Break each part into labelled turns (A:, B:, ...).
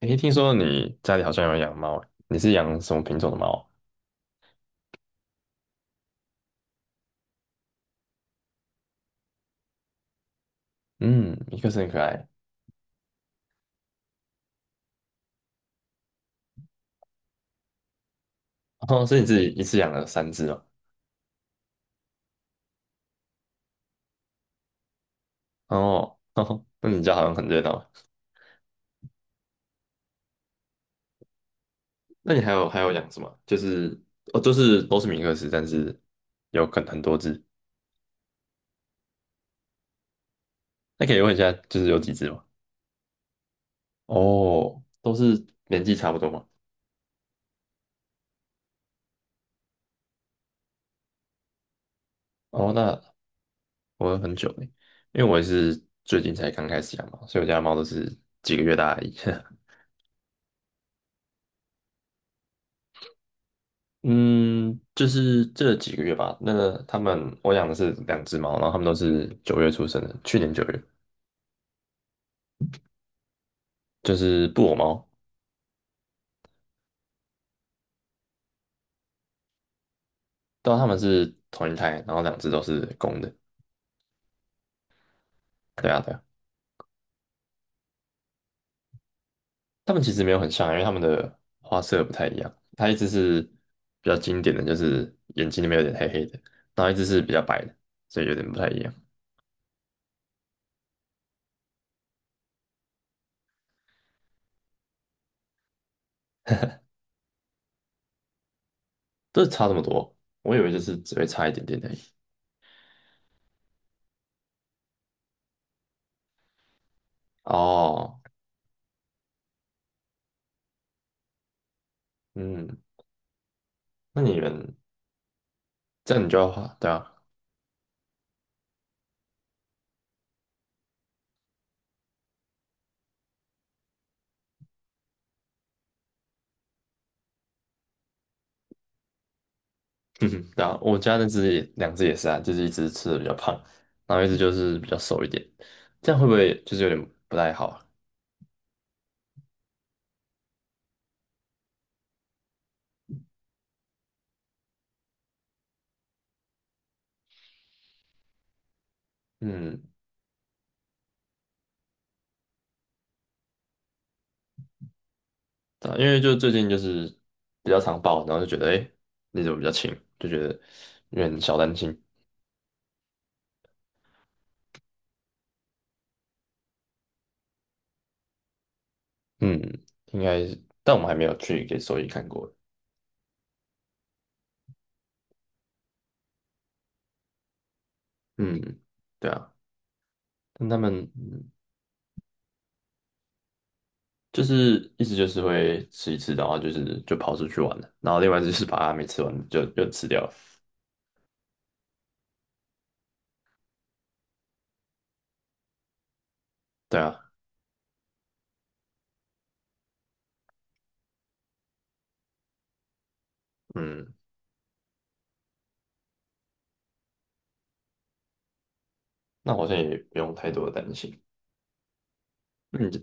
A: 诶，听说你家里好像有养猫，你是养什么品种的猫啊。嗯，一个是很可爱。哦，所以你自己一次养了三只哦。哦，哦那你家好像很热闹。那你还有养什么？就是哦，就是都是米克斯，但是有很多只。那可以问一下，就是有几只吗？哦，都是年纪差不多吗？哦，那我很久嘞，因为我也是最近才刚开始养猫，所以我家的猫都是几个月大而已。嗯，就是这几个月吧。那个他们，我养的是两只猫，然后他们都是九月出生的，去年九月，就是布偶猫。但他们是同一胎，然后两只都是公的。对啊，对啊。他们其实没有很像啊，因为他们的花色不太一样。它一只是比较经典的，就是眼睛里面有点黑黑的，然后一只是比较白的，所以有点不太一样。这差这么多，我以为就是只会差一点点而已。哦，嗯，那你们这样你就要画，对啊。嗯哼，对啊，我家那只也两只也是啊，就是一只吃的比较胖，然后一只就是比较瘦一点，这样会不会就是有点不太好啊。嗯，对啊，因为就最近就是比较常抱，然后就觉得哎，诶你怎么比较轻？就觉得有点小担心。嗯，应该是但我们还没有去给兽医看过。嗯，对啊，但他们就是一直就是会吃一次，然后就是就跑出去玩了，然后另外一只就是把它没吃完就吃掉了。对啊，嗯。那好像也不用太多的担心。那你就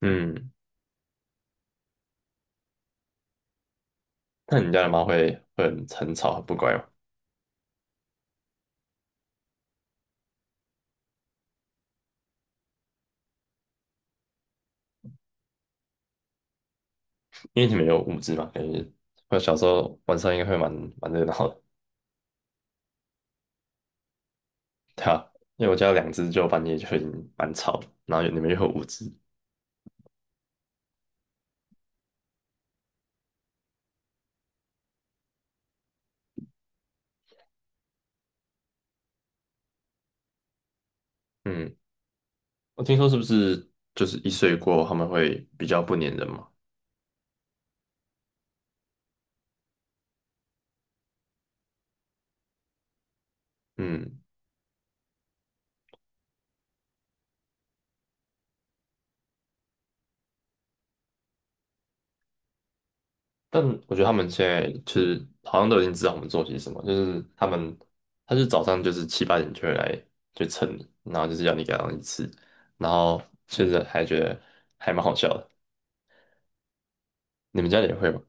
A: 嗯，那你家的猫会很吵很不乖吗？因为你们有五只嘛，感觉我小时候晚上应该会蛮热闹的。对啊，因为我家有两只就半夜就已经蛮吵了，然后你们又有五只。嗯，我听说是不是就是一岁过后他们会比较不粘人嘛？嗯。但我觉得他们现在就是好像都已经知道我们做些什么，就是他们，他就是早上就是七八点就会来就蹭你，然后就是要你给他东西吃，然后现实还觉得还蛮好笑的。你们家里也会吗？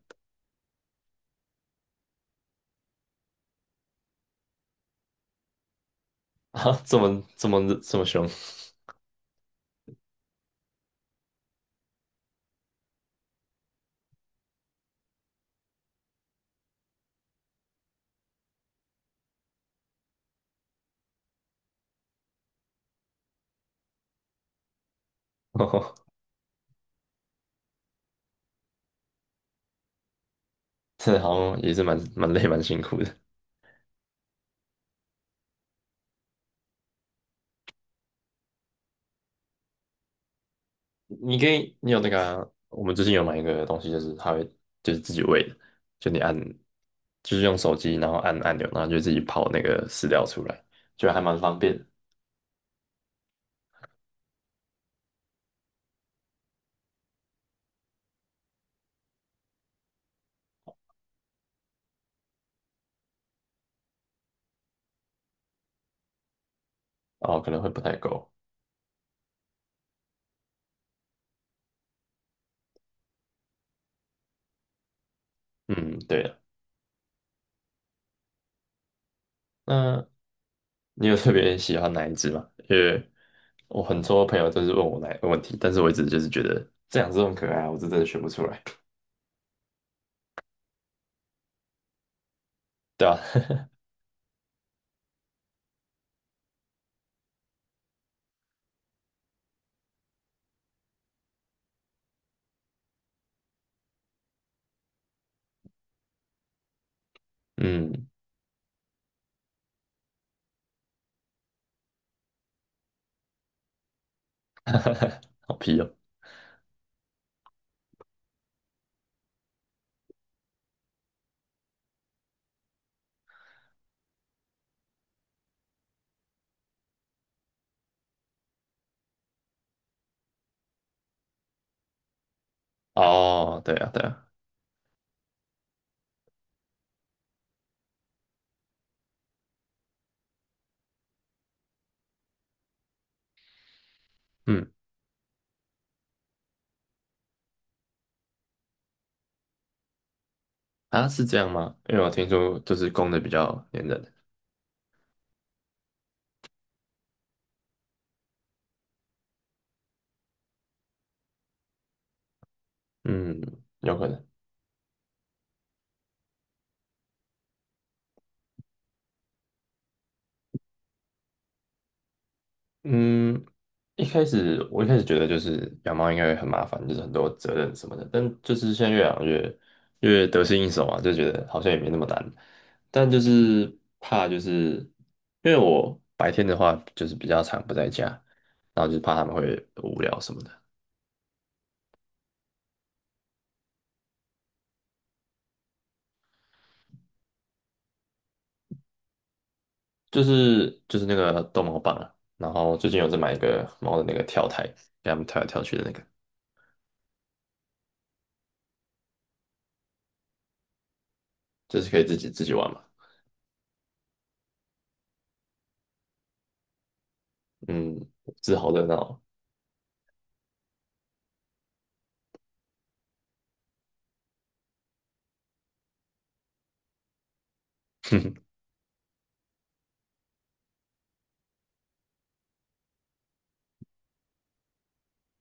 A: 啊，这么凶。真的好像也是蛮累蛮辛苦的。你可以，你有那个啊，我们最近有买一个东西，就是它会就是自己喂的，就你按就是用手机，然后按按钮，然后就自己跑那个饲料出来，就还蛮方便的。哦，可能会不太够。嗯，对了，那你有特别喜欢哪一只吗？因为我很多朋友都是问我哪一个问题，但是我一直就是觉得这两只很可爱啊我是真的选不出来。对啊，嗯，好皮哦。哦，对啊，对啊，嗯，啊，是这样吗？因为我听说就是公的比较粘人。嗯，有可能。嗯，一开始我一开始觉得就是养猫应该会很麻烦，就是很多责任什么的，但就是现在越养越越得心应手嘛，就觉得好像也没那么难。但就是怕就是因为我白天的话就是比较常不在家，然后就是怕他们会无聊什么的。就是那个逗猫棒啊，然后最近有在买一个猫的那个跳台，给他们跳来跳去的那个，就是可以自己玩嘛。嗯，这好热闹哦。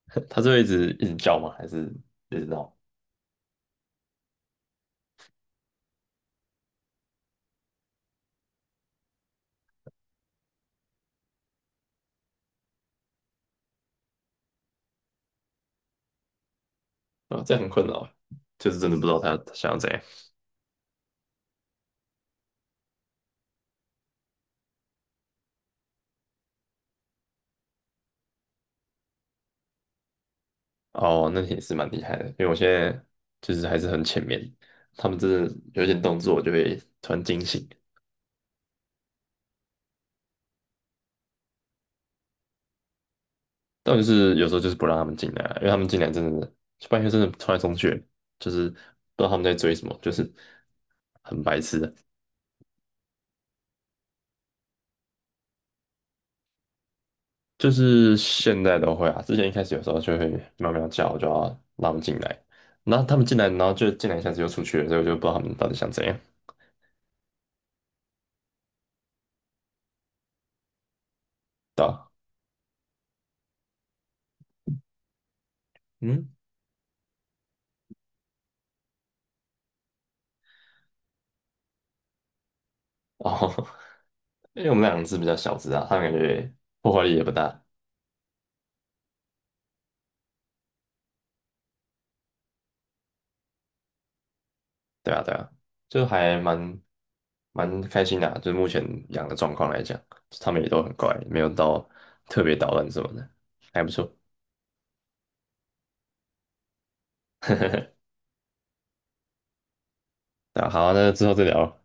A: 它是会一直叫吗？还是一直闹？啊，这样很困扰，就是真的不知道他想要怎样。哦，那也是蛮厉害的，因为我现在就是还是很浅面，他们真的有一点动作，我就会突然惊醒。但就是有时候就是不让他们进来啊，因为他们进来真的就半夜真的冲来冲去，就是不知道他们在追什么，就是很白痴的。就是现在都会啊，之前一开始有时候就会喵喵叫，我就要让他们进来，然后他们进来，然后就进来一下子又出去了，所以我就不知道他们到底想怎样。到，嗯。哦，因为我们两只比较小只啊，它们感觉破坏力也不大。对啊，对啊，就还蛮开心的啊就目前养的状况来讲，它们也都很乖，没有到特别捣乱什么的，还不错。那好啊，那之后再聊。